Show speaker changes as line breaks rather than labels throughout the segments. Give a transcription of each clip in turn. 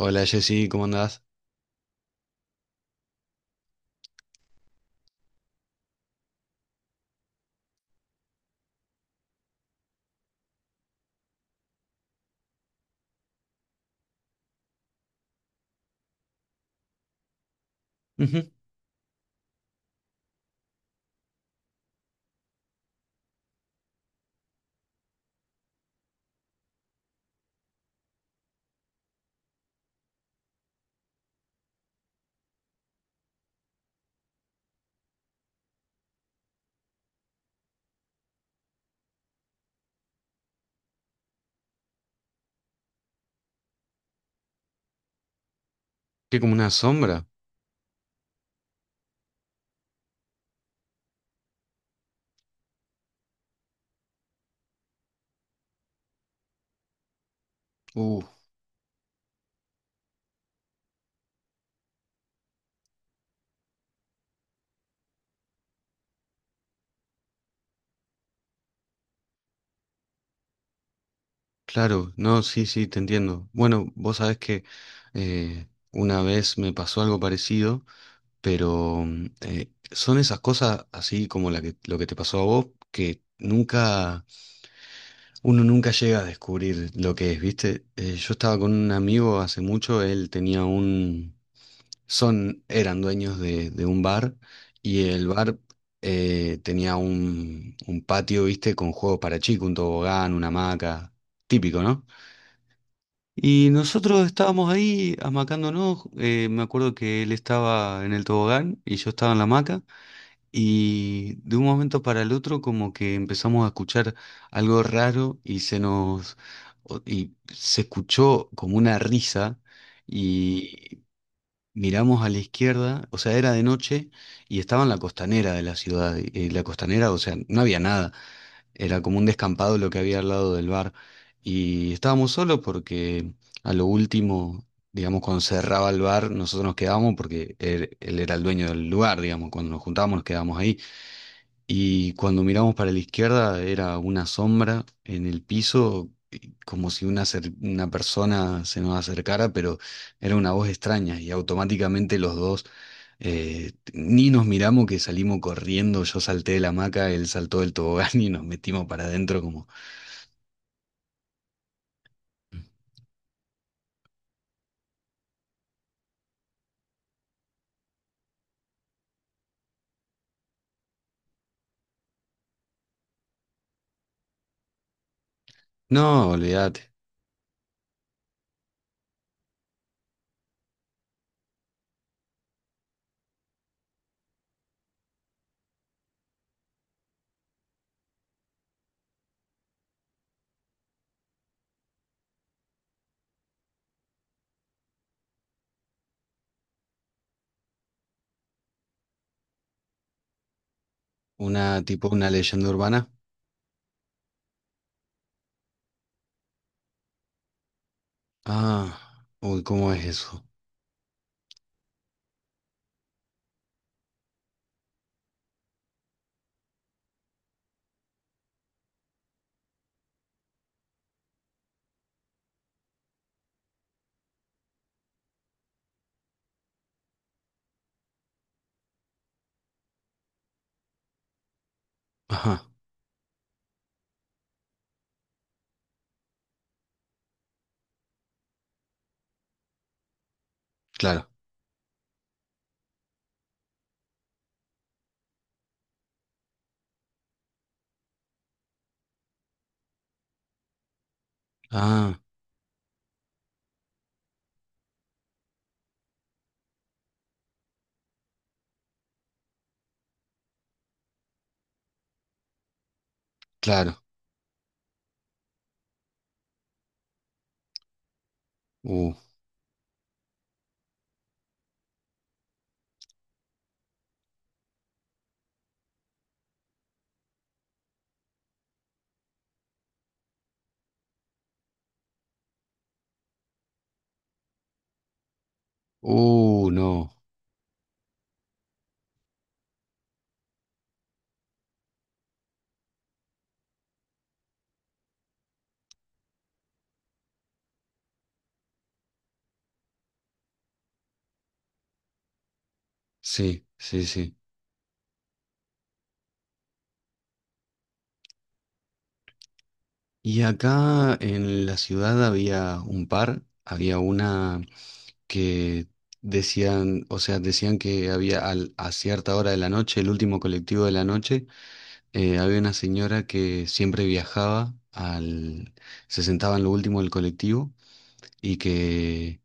Hola Jessy, ¿cómo andás? Ujú. Que como una sombra. Uh, claro, no, sí, sí, te entiendo. Bueno, vos sabés que una vez me pasó algo parecido, pero mm, son esas cosas así como la que, lo que te pasó a vos, que nunca, uno nunca llega a descubrir lo que es, ¿viste? Yo estaba con un amigo hace mucho, él tenía un son, eran dueños de un bar y el bar tenía un patio, viste, con juegos para chicos, un tobogán, una hamaca, típico, ¿no? Y nosotros estábamos ahí amacándonos, me acuerdo que él estaba en el tobogán y yo estaba en la hamaca, y de un momento para el otro como que empezamos a escuchar algo raro y se se escuchó como una risa. Mm. Y miramos a la izquierda, o sea, era de noche y estaba en la costanera de la ciudad. Y la costanera, o sea, no había nada. Era como un descampado lo que había al lado del bar. Y estábamos solos porque a lo último, digamos, cuando cerraba el bar, nosotros nos quedábamos porque él era el dueño del lugar, digamos, cuando nos juntábamos nos quedábamos ahí. Y cuando miramos para la izquierda era una sombra en el piso, como si una, una persona se nos acercara, pero era una voz extraña y automáticamente los dos ni nos miramos que salimos corriendo, yo salté de la hamaca, él saltó del tobogán y nos metimos para adentro como... No, olvídate, una tipo una leyenda urbana. Ah, uy, ¿cómo es eso? Ajá, claro. Ah, claro. Uh, no. Sí, sí, sí. Y acá en la ciudad había un par, había una que decían, o sea, decían que había a cierta hora de la noche, el último colectivo de la noche, había una señora que siempre viajaba se sentaba en lo último del colectivo, y que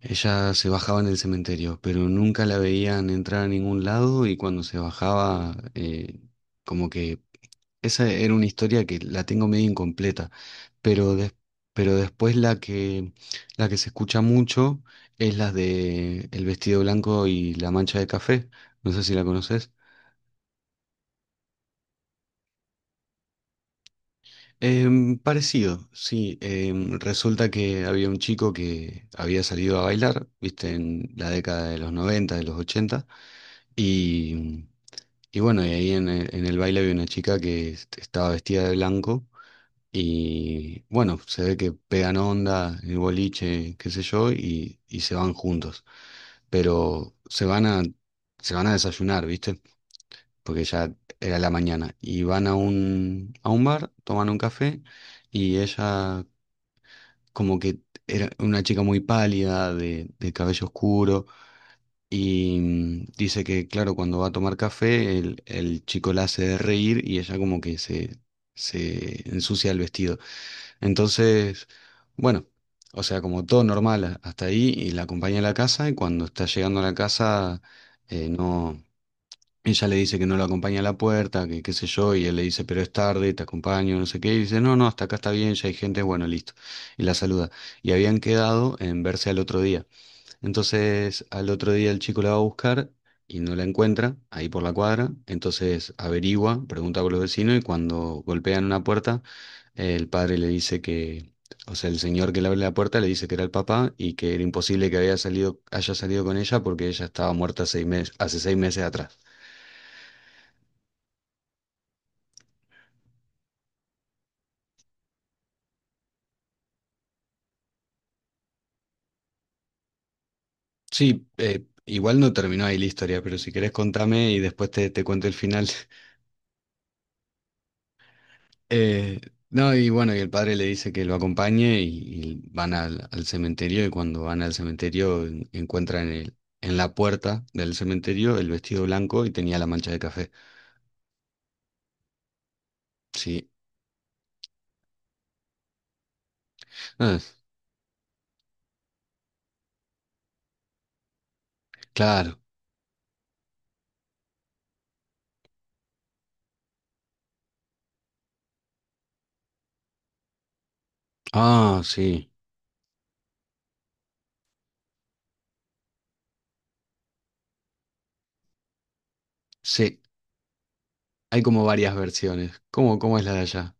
ella se bajaba en el cementerio, pero nunca la veían entrar a ningún lado, y cuando se bajaba, como que esa era una historia que la tengo medio incompleta, pero, des- pero después la que se escucha mucho es la de El vestido blanco y la mancha de café. No sé si la conoces. Em, parecido, sí. Em, resulta que había un chico que había salido a bailar, viste, en la década de los noventa, de los ochenta, y, y bueno, y ahí en el baile había una chica que estaba vestida de blanco. Y bueno, se ve que pegan onda, el boliche, qué sé yo, y se van juntos. Pero se van se van a desayunar, ¿viste? Porque ya era la mañana. Y van a un bar, toman un café, y ella como que era una chica muy pálida, de cabello oscuro, y mm, dice que, claro, cuando va a tomar café, el chico la hace de reír y ella como que se ensucia el vestido. Entonces, bueno, o sea, como todo normal hasta ahí, y la acompaña a la casa, y cuando está llegando a la casa, no, ella le dice que no lo acompaña a la puerta, que qué sé yo, y él le dice, pero es tarde, te acompaño, no sé qué, y dice, no, no, hasta acá está bien, ya hay gente, bueno, listo, y la saluda. Y habían quedado en verse al otro día. Entonces al otro día el chico la va a buscar y no la encuentra ahí por la cuadra. Entonces averigua, pregunta por los vecinos, y cuando golpean una puerta, el padre le dice que, o sea, el señor que le abre la puerta le dice que era el papá, y que era imposible que haya salido con ella, porque ella estaba muerta hace seis meses atrás. Sí, igual no terminó ahí la historia, pero si querés contame y después te cuento el final. Eh, no, y bueno, y el padre le dice que lo acompañe, y van al, al cementerio, y cuando van al cementerio encuentran el, en la puerta del cementerio, el vestido blanco y tenía la mancha de café. Sí. Ah, claro. Ah, sí, sí. Hay como varias versiones. ¿Cómo, cómo es la de allá?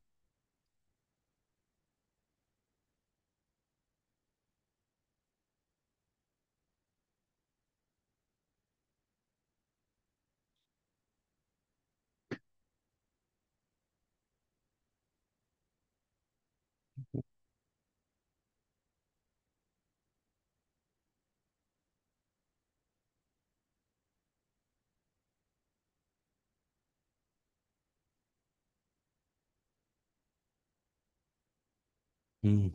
Mm.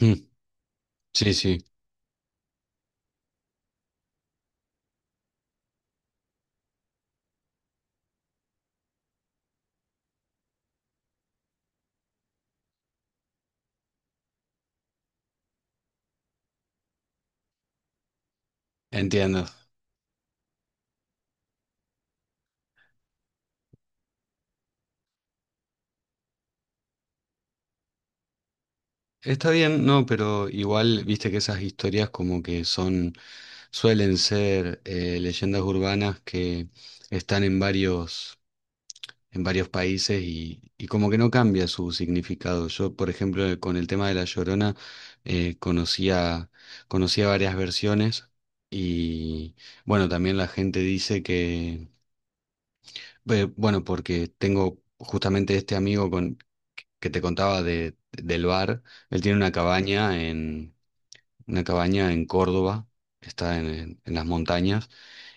Mm. Sí, sí, entiendo. Está bien, no, pero igual viste que esas historias como que son, suelen ser leyendas urbanas que están en varios, en varios países, y como que no cambia su significado. Yo, por ejemplo, con el tema de La Llorona, eh, conocía, conocía varias versiones, y bueno, también la gente dice que, bueno, porque tengo justamente este amigo con, que te contaba del bar, él tiene una cabaña una cabaña en Córdoba, está en en las montañas.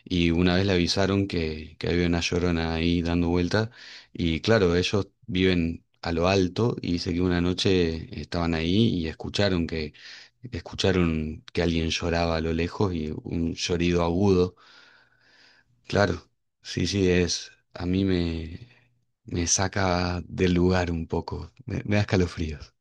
Y una vez le avisaron que había una llorona ahí dando vuelta. Y claro, ellos viven a lo alto y dice que una noche estaban ahí y escucharon escucharon que alguien lloraba a lo lejos, y un llorido agudo. Claro, sí, sí, es, a mí me saca del lugar un poco, me da escalofríos.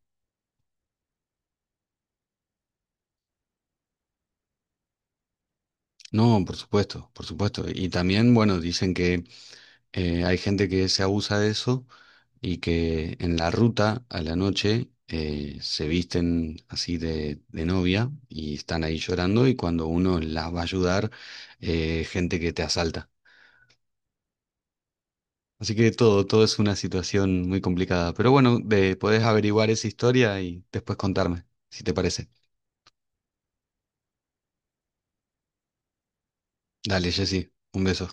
No, por supuesto, por supuesto. Y también, bueno, dicen que hay gente que se abusa de eso, y que en la ruta a la noche se visten así de novia y están ahí llorando, y cuando uno las va a ayudar, gente que te asalta. Así que todo, todo es una situación muy complicada. Pero bueno, de, podés averiguar esa historia y después contarme, si te parece. Dale, Jessy, un beso.